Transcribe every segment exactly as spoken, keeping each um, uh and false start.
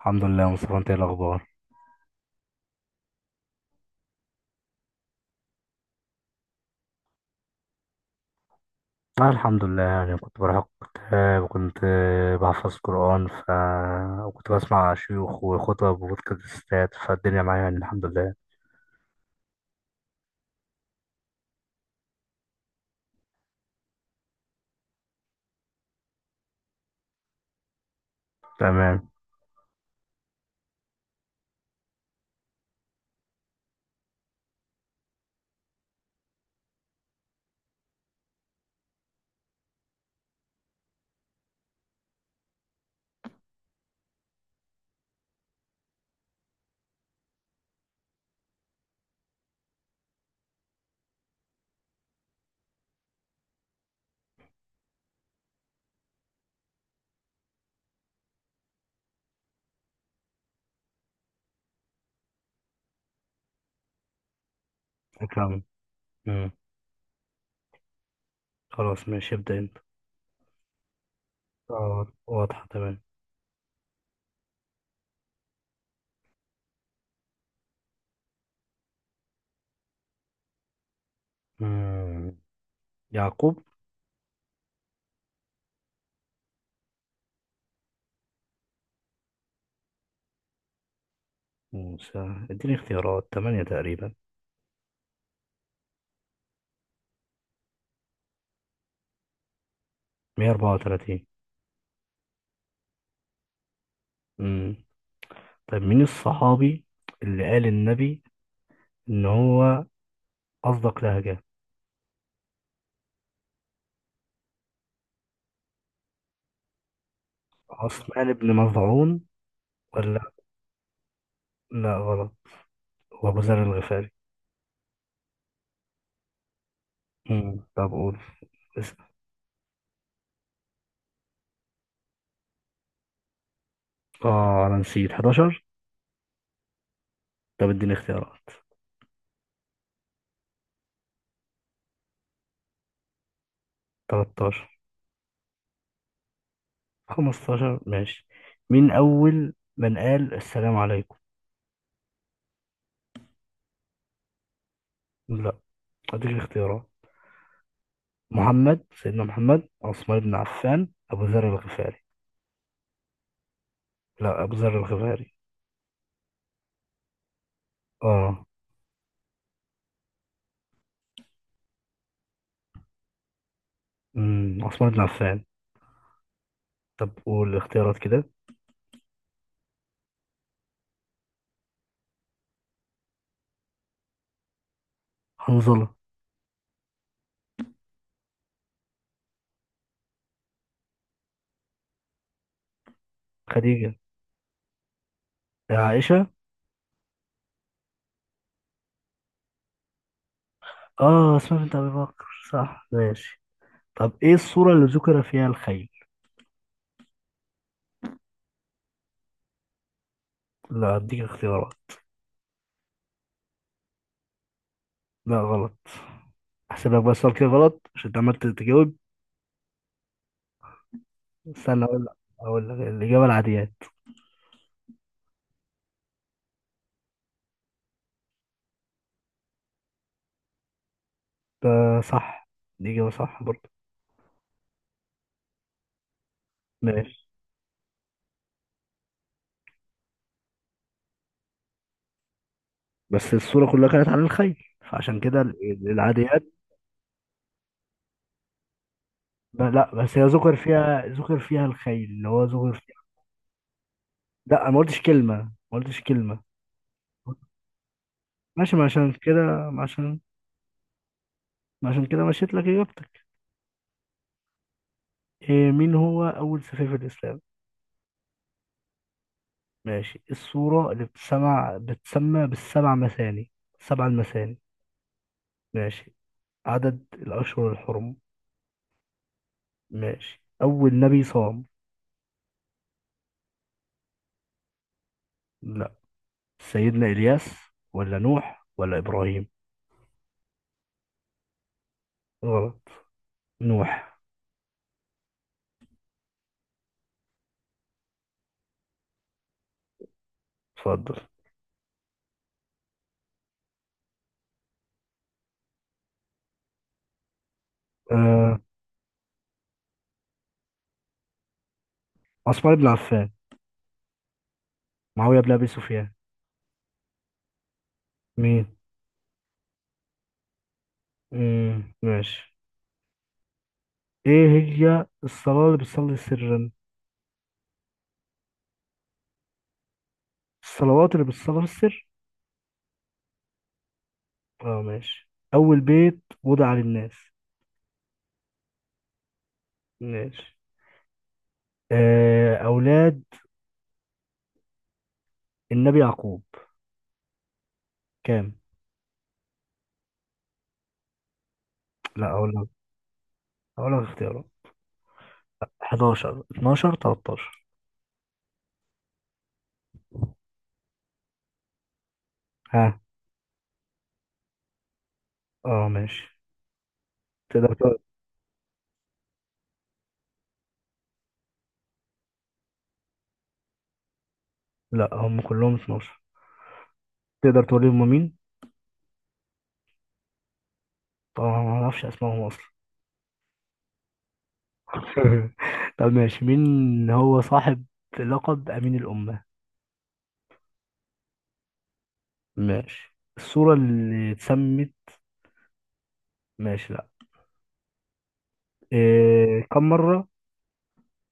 الحمد لله يا مصطفى، انت ايه الاخبار؟ آه الحمد لله، يعني كنت بروح كتاب وكنت بحفظ قرآن ف وكنت بسمع شيوخ وخطب وبودكاستات، فالدنيا معايا يعني الحمد لله. تمام تمام. مم. خلاص ماشي، ابدا انت. اه واضحه تمام. مم. يعقوب. موسى اديني اختيارات تمانية تقريبا. مئة واربعة وثلاثين. مم. طيب مين الصحابي اللي قال النبي ان هو اصدق لهجه؟ عثمان بن مظعون. ولا لا غلط، هو أبو ذر الغفاري. مم. طب قول اسم. اه انا نسيت. حداشر. طب اديني اختيارات. تلتاشر. خمستاشر ماشي. مين اول من قال السلام عليكم؟ لا اديك اختيارات: محمد، سيدنا محمد، عثمان بن عفان، ابو ذر الغفاري. لا ابو ذر الغفاري. اه. امم عثمان بن عفان. طب قول الاختيارات كده. حنظلة. خديجة. عائشة. اه عثمان بن ابي بكر. صح ماشي. طب ايه الصورة اللي ذكر فيها الخيل؟ لا هديك اختيارات. لا غلط. احسب لك بس سؤال كده غلط عشان انت عملت تجاوب. استنى اقول لك اقول لك الاجابه: العاديات. ده صح، دي اجابه صح برضه. ماشي، بس الصوره كلها كانت عن الخيل فعشان كده ال- العاديات. ب- لا بس هي ذكر فيها ذكر فيها الخيل اللي هو ذكر فيها. لا انا ما قلتش كلمه ما قلتش كلمه. ماشي، ما عشان كده ما عشان ما عشان كده مشيت لك اجابتك. إيه، مين هو اول سفير في الاسلام؟ ماشي. الصورة اللي بتسمع بتسمى بالسبع مثاني، سبع المثاني. ماشي. عدد الأشهر الحرم. ماشي. أول نبي صام. لا سيدنا إلياس ولا نوح ولا إبراهيم. غلط نوح. اتفضل. آه. عثمان بن عفان. معاوية بن أبي سفيان. مين؟ مم. ماشي. إيه هي الصلاة اللي بتصلي سرا؟ الصلوات اللي بتصلي في السر. اه ماشي. أول بيت وضع للناس. ماشي. آه، أولاد النبي يعقوب كام؟ لا اقول لك اقول لك اختيارات: حداشر، اتناشر، تلتاشر. ها. اه ماشي. تقدر تقول. لا هم كلهم اثنا عشر. تقدر تقول لي هم مين. طبعا ما اعرفش اسمائهم اصلا. طب ماشي، مين هو صاحب لقب امين الامه؟ ماشي. الصوره اللي اتسمت. ماشي لا. إيه... كم مره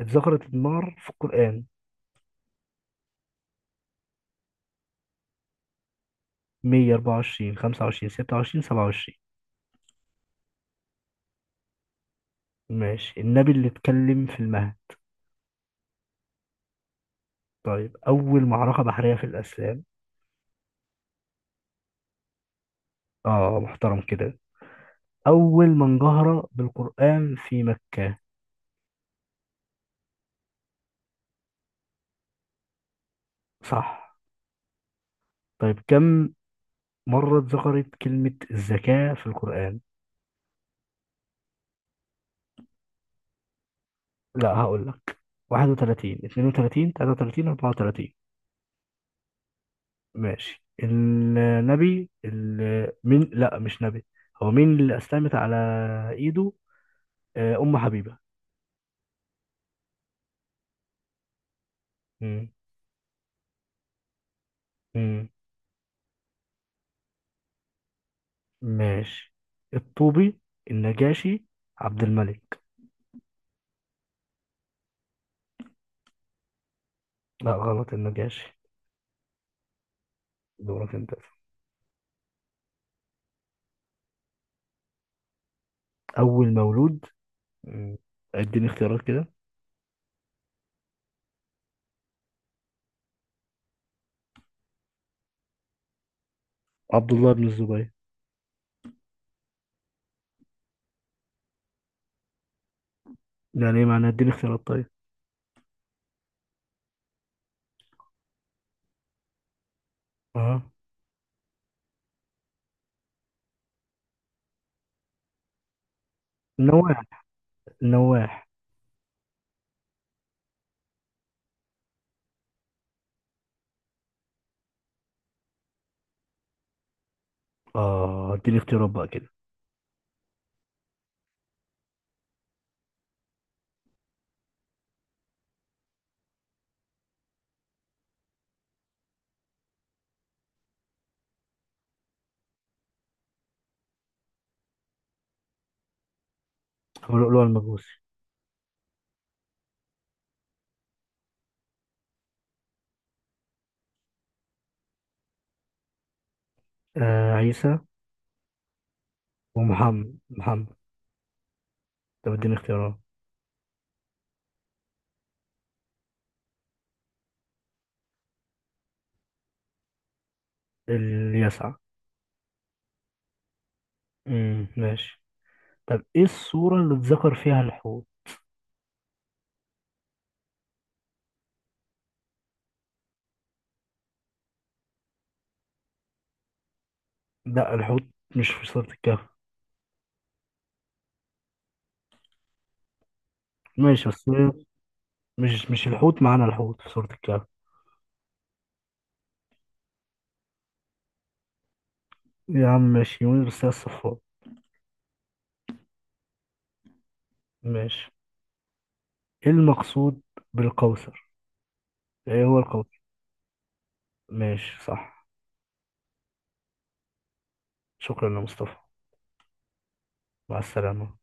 اتذكرت النار في القران؟ مية واربعة وعشرين، خمسة وعشرين، ستة وعشرين، سبع وعشرين. ماشي. النبي اللي اتكلم في المهد. طيب أول معركة بحرية في الإسلام. آه محترم كده. أول من جهر بالقرآن في مكة. صح. طيب كم مرة اتذكرت كلمة الزكاة في القرآن؟ لا هقول لك: احد وثلاثين، اثنين وثلاثين، ثلاثة وثلاثين، اربعة وتلاتين. ماشي. النبي ال- من لا مش نبي، هو مين اللي أسلمت على إيده؟ آه، أم حبيبة. مم. مم. ماشي: الطوبي، النجاشي، عبد الملك. لا غلط النجاشي. دورك انت. اول مولود. مم. اديني اختيارات كده. عبد الله بن الزبير. يعني ايه معناه؟ اديني اختيارات طيب. اه. نواح، نواح. اه اديني اختيارات بقى كده. ابو لؤلؤ المجوسي. آه عيسى. ومحمد محمد. طب اديني اختيارات. اللي يسعى. امم ماشي. طب ايه الصورة اللي اتذكر فيها الحوت؟ لا الحوت مش في سورة الكهف. ماشي بس هي- مش مش الحوت معانا الحوت في سورة الكهف. يا عم ماشي يونس، بس هي الصفار. ماشي. ايه المقصود بالقوس؟ ايه هو القوس؟ ماشي صح. شكرا يا مصطفى. مع السلامة.